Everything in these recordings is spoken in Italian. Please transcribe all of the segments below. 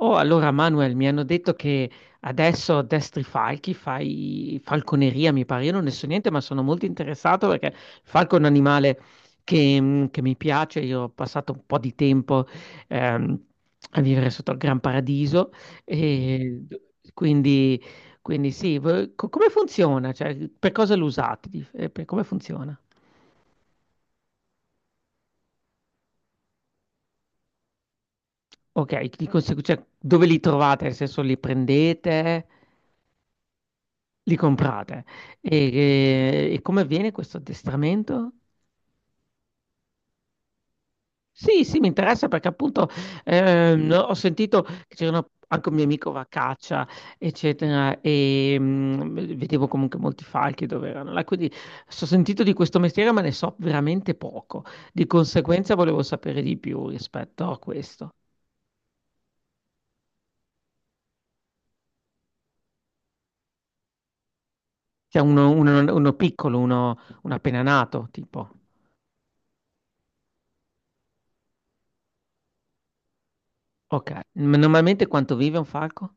Oh, allora Manuel, mi hanno detto che adesso addestri falchi, fai falconeria, mi pare. Io non ne so niente, ma sono molto interessato perché il falco è un animale che, che mi piace. Io ho passato un po' di tempo ehm, a vivere sotto il Gran Paradiso e quindi, quindi sì, come funziona? Cioè, per cosa lo usate? Come funziona? Ok, di conseguenza, cioè, dove li trovate? Nel senso, li prendete? Li comprate. E, come avviene questo addestramento? Sì, sì, mi interessa perché appunto ho sentito che c'erano anche un mio amico va a caccia, eccetera, e vedevo comunque molti falchi dove erano là. Quindi ho sentito di questo mestiere, ma ne so veramente poco. Di conseguenza volevo sapere di più rispetto a questo. C'è uno, uno piccolo, uno, uno appena nato, tipo. Ok. Ma normalmente quanto vive un falco?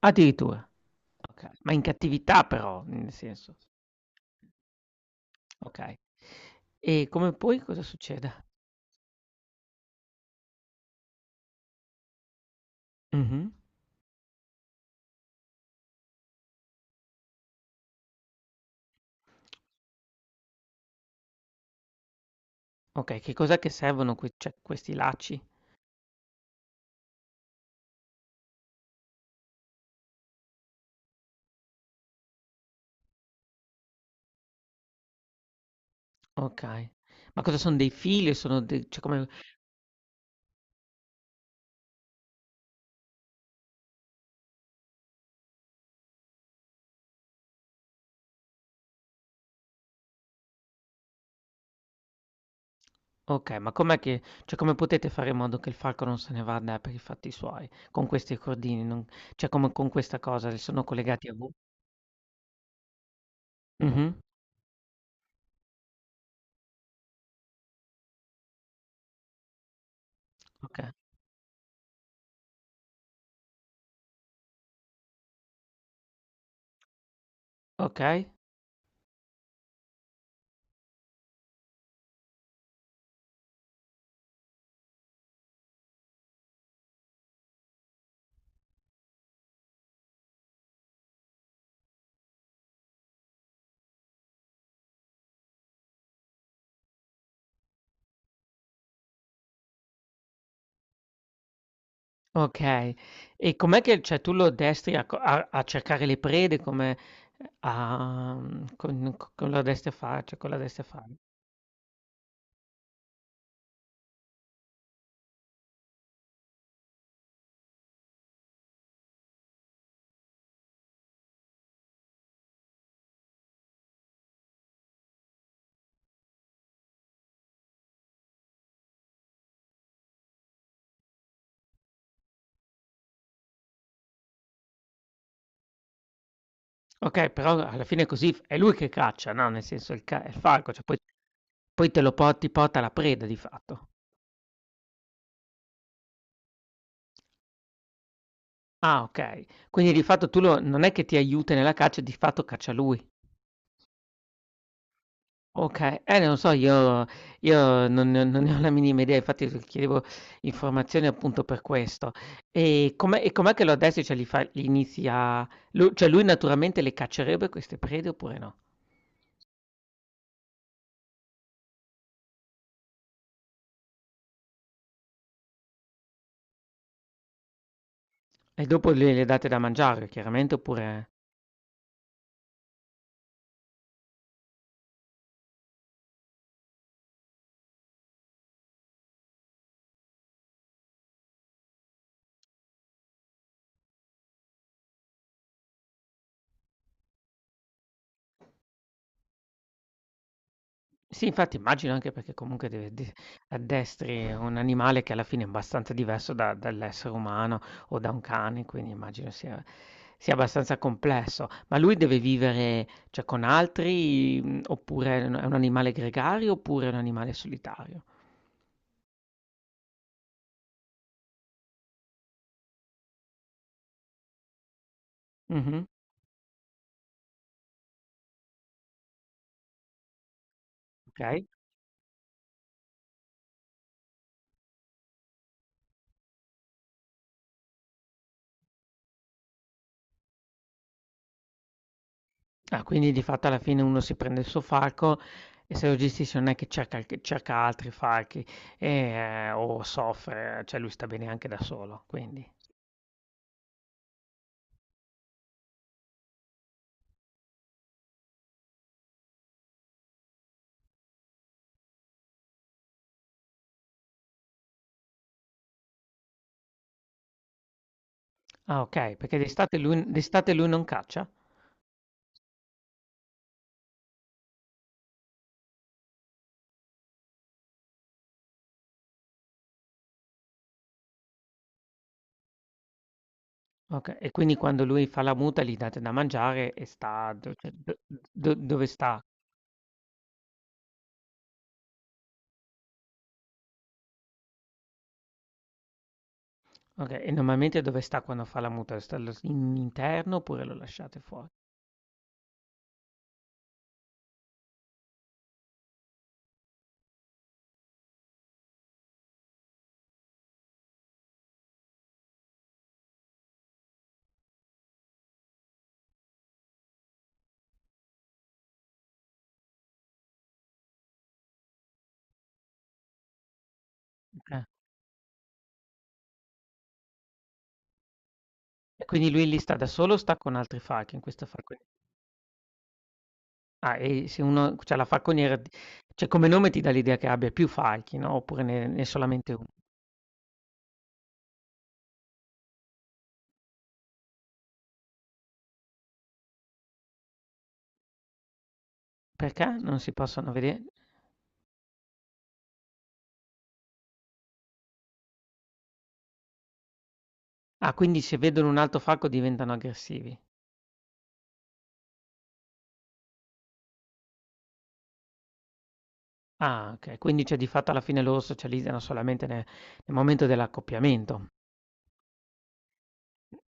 Addirittura. Okay, ma in cattività però, nel senso. Okay. E come poi cosa succede? Mh-mh. Okay, che cos'è che servono que cioè questi lacci? Okay. Ma cosa son dei fili o sono de cioè come okay, ma com'è che cioè come potete fare in modo che il falco non se ne vada per i fatti suoi con questi cordini? Non cioè come con questa cosa, li sono collegati a vo mh-mh, okay, okay. Okay. E com'è che cioè tu lo addestri a co a a cercare le prede come a mhmm, con co con lo addestri a fare cioè cosa lo addestri a fare? Okay, però alla fine è così f è lui che caccia, no, nel senso il falco, cioè poi poi te lo po ti porta la preda di fatto. Ah, okay. Quindi di fatto tu lo non è che ti aiuta nella caccia, di fatto caccia lui. Okay, non so, io non ne ho la minima idea, infatti s chiedevo informazioni appunto per questo. E com'è che lo addestri? Cioè, li inizi a lu cioè, lui naturalmente le caccerebbe queste prede oppure no? E dopo le date da mangiare chiaramente oppure sì, infatti immagino anche perché comunque deve de addestri un animale che alla fine è abbastanza diverso da dall'essere umano o da un cane, quindi immagino sia abbastanza complesso. Ma lui deve vivere, cioè, con altri, oppure è un animale gregario, oppure è un animale solitario? Mh-mh, okay. Ah, quindi di fatto alla fine uno si prende il suo falco e se lo gestisce non è che cerca il che cerca altri falchi, o soffre, cioè lui sta bene anche da solo, quindi. Ah okay, perché d'estate lui non caccia? Okay, e quindi quando lui fa la muta gli date da mangiare e sta do cioè do dove sta? Okay, e normalmente dove sta quando fa la muta? Sta allo s in interno oppure lo lasciate fuori? Okay. E quindi lui lì sta da solo o sta con altri falchi in questa falconiera? Ah, e se uno c'ha la falconiera d cioè come nome ti dà l'idea che abbia più falchi, no, oppure ne è solamente 1? Perché non si possono vede ah, quindi se vedono un altro falco diventano aggressivi. Ah, okay. Quindi, cioè, di fatto alla fine loro socializzano solamente ne nel momento dell'accoppiamento.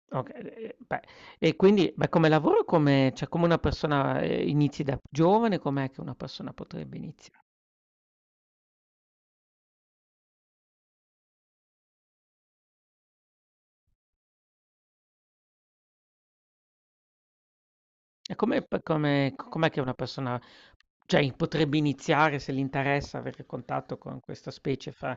Okay, e beh, e quindi beh, come lavoro come cioè, come una persona, inizi da giovane, com'è che una persona potrebbe inizia e come p come co com'è che una persona, cioè, potrebbe iniziare se gli interessa avere contatto con questa specie fra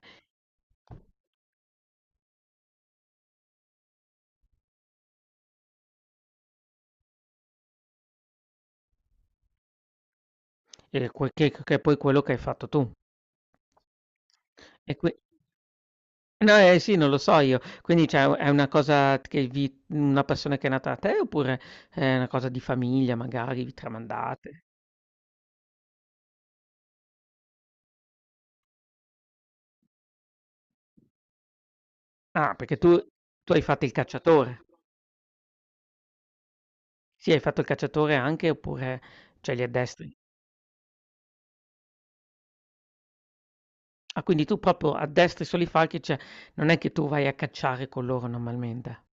que che è poi quello che hai fatto tu? E qui no, sì, non lo so io. Quindi cioè è una cosa che vi una persona che è nata da te oppure è una cosa di famiglia magari, vi tramandate? Ah, perché tu tu hai fatto il cacciatore. Sì, hai fatto il cacciatore anche oppure cioè li addestri? Ah, quindi tu proprio addestri solo i falchi, cioè non è che tu vai a cacciare con loro normalmente.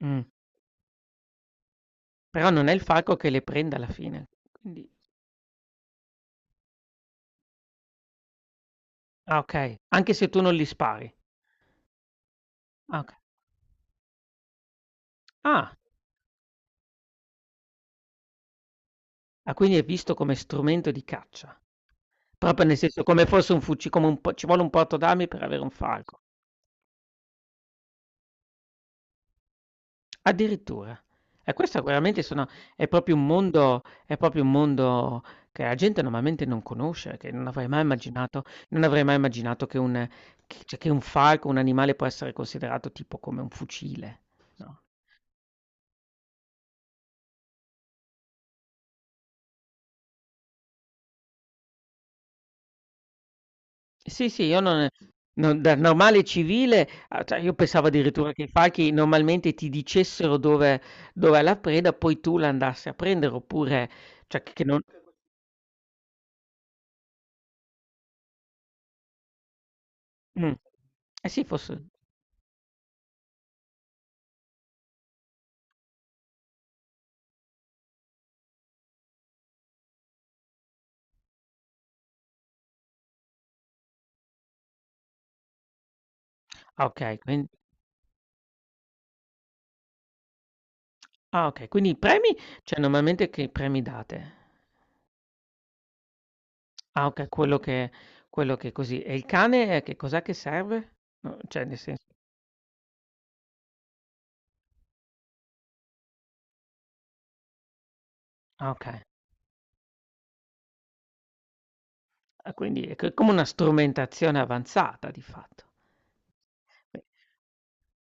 Mh. Però non è il falco che le prende alla fine. Quindi ah, okay. Anche se tu non li spari. Ah, okay. Ah, ah, quindi è visto come strumento di caccia. Proprio nel senso come fosse un fuci come un po ci vuole un portodarmi per avere un falco. Addirittura. E questo veramente sono è proprio un mondo è proprio un mondo che la gente normalmente non conosce, che non avrei mai immaginato non avrei mai immaginato che un che cioè che un falco, un animale può essere considerato tipo come un fucile, no? Sì, sì, io non non da normale civile, a cioè io pensavo addirittura che i falchi normalmente ti dicessero dove dov'è la preda, poi tu la andassi a prendere oppure cioè che non mh. Eh sì fosse ah okay, quin ah okay, quindi i premi cioè normalmente che premi date? Ah okay, quello che così. E il cane che cos'è che serve? No, cioè nel senso ah okay. Ah, quindi è c come una strumentazione avanzata di fatto. Beh.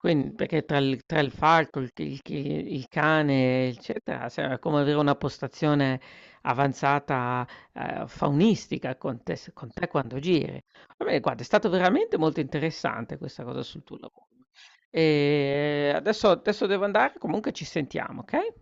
Quin perché tra il falco, il cane, eccetera, cioè è come avere una postazione avanzata, faunistica con te quando giri. Va bene, guarda, è stato veramente molto interessante questa cosa sul tuo lavoro. Adesso devo andare, comunque ci sentiamo, okay?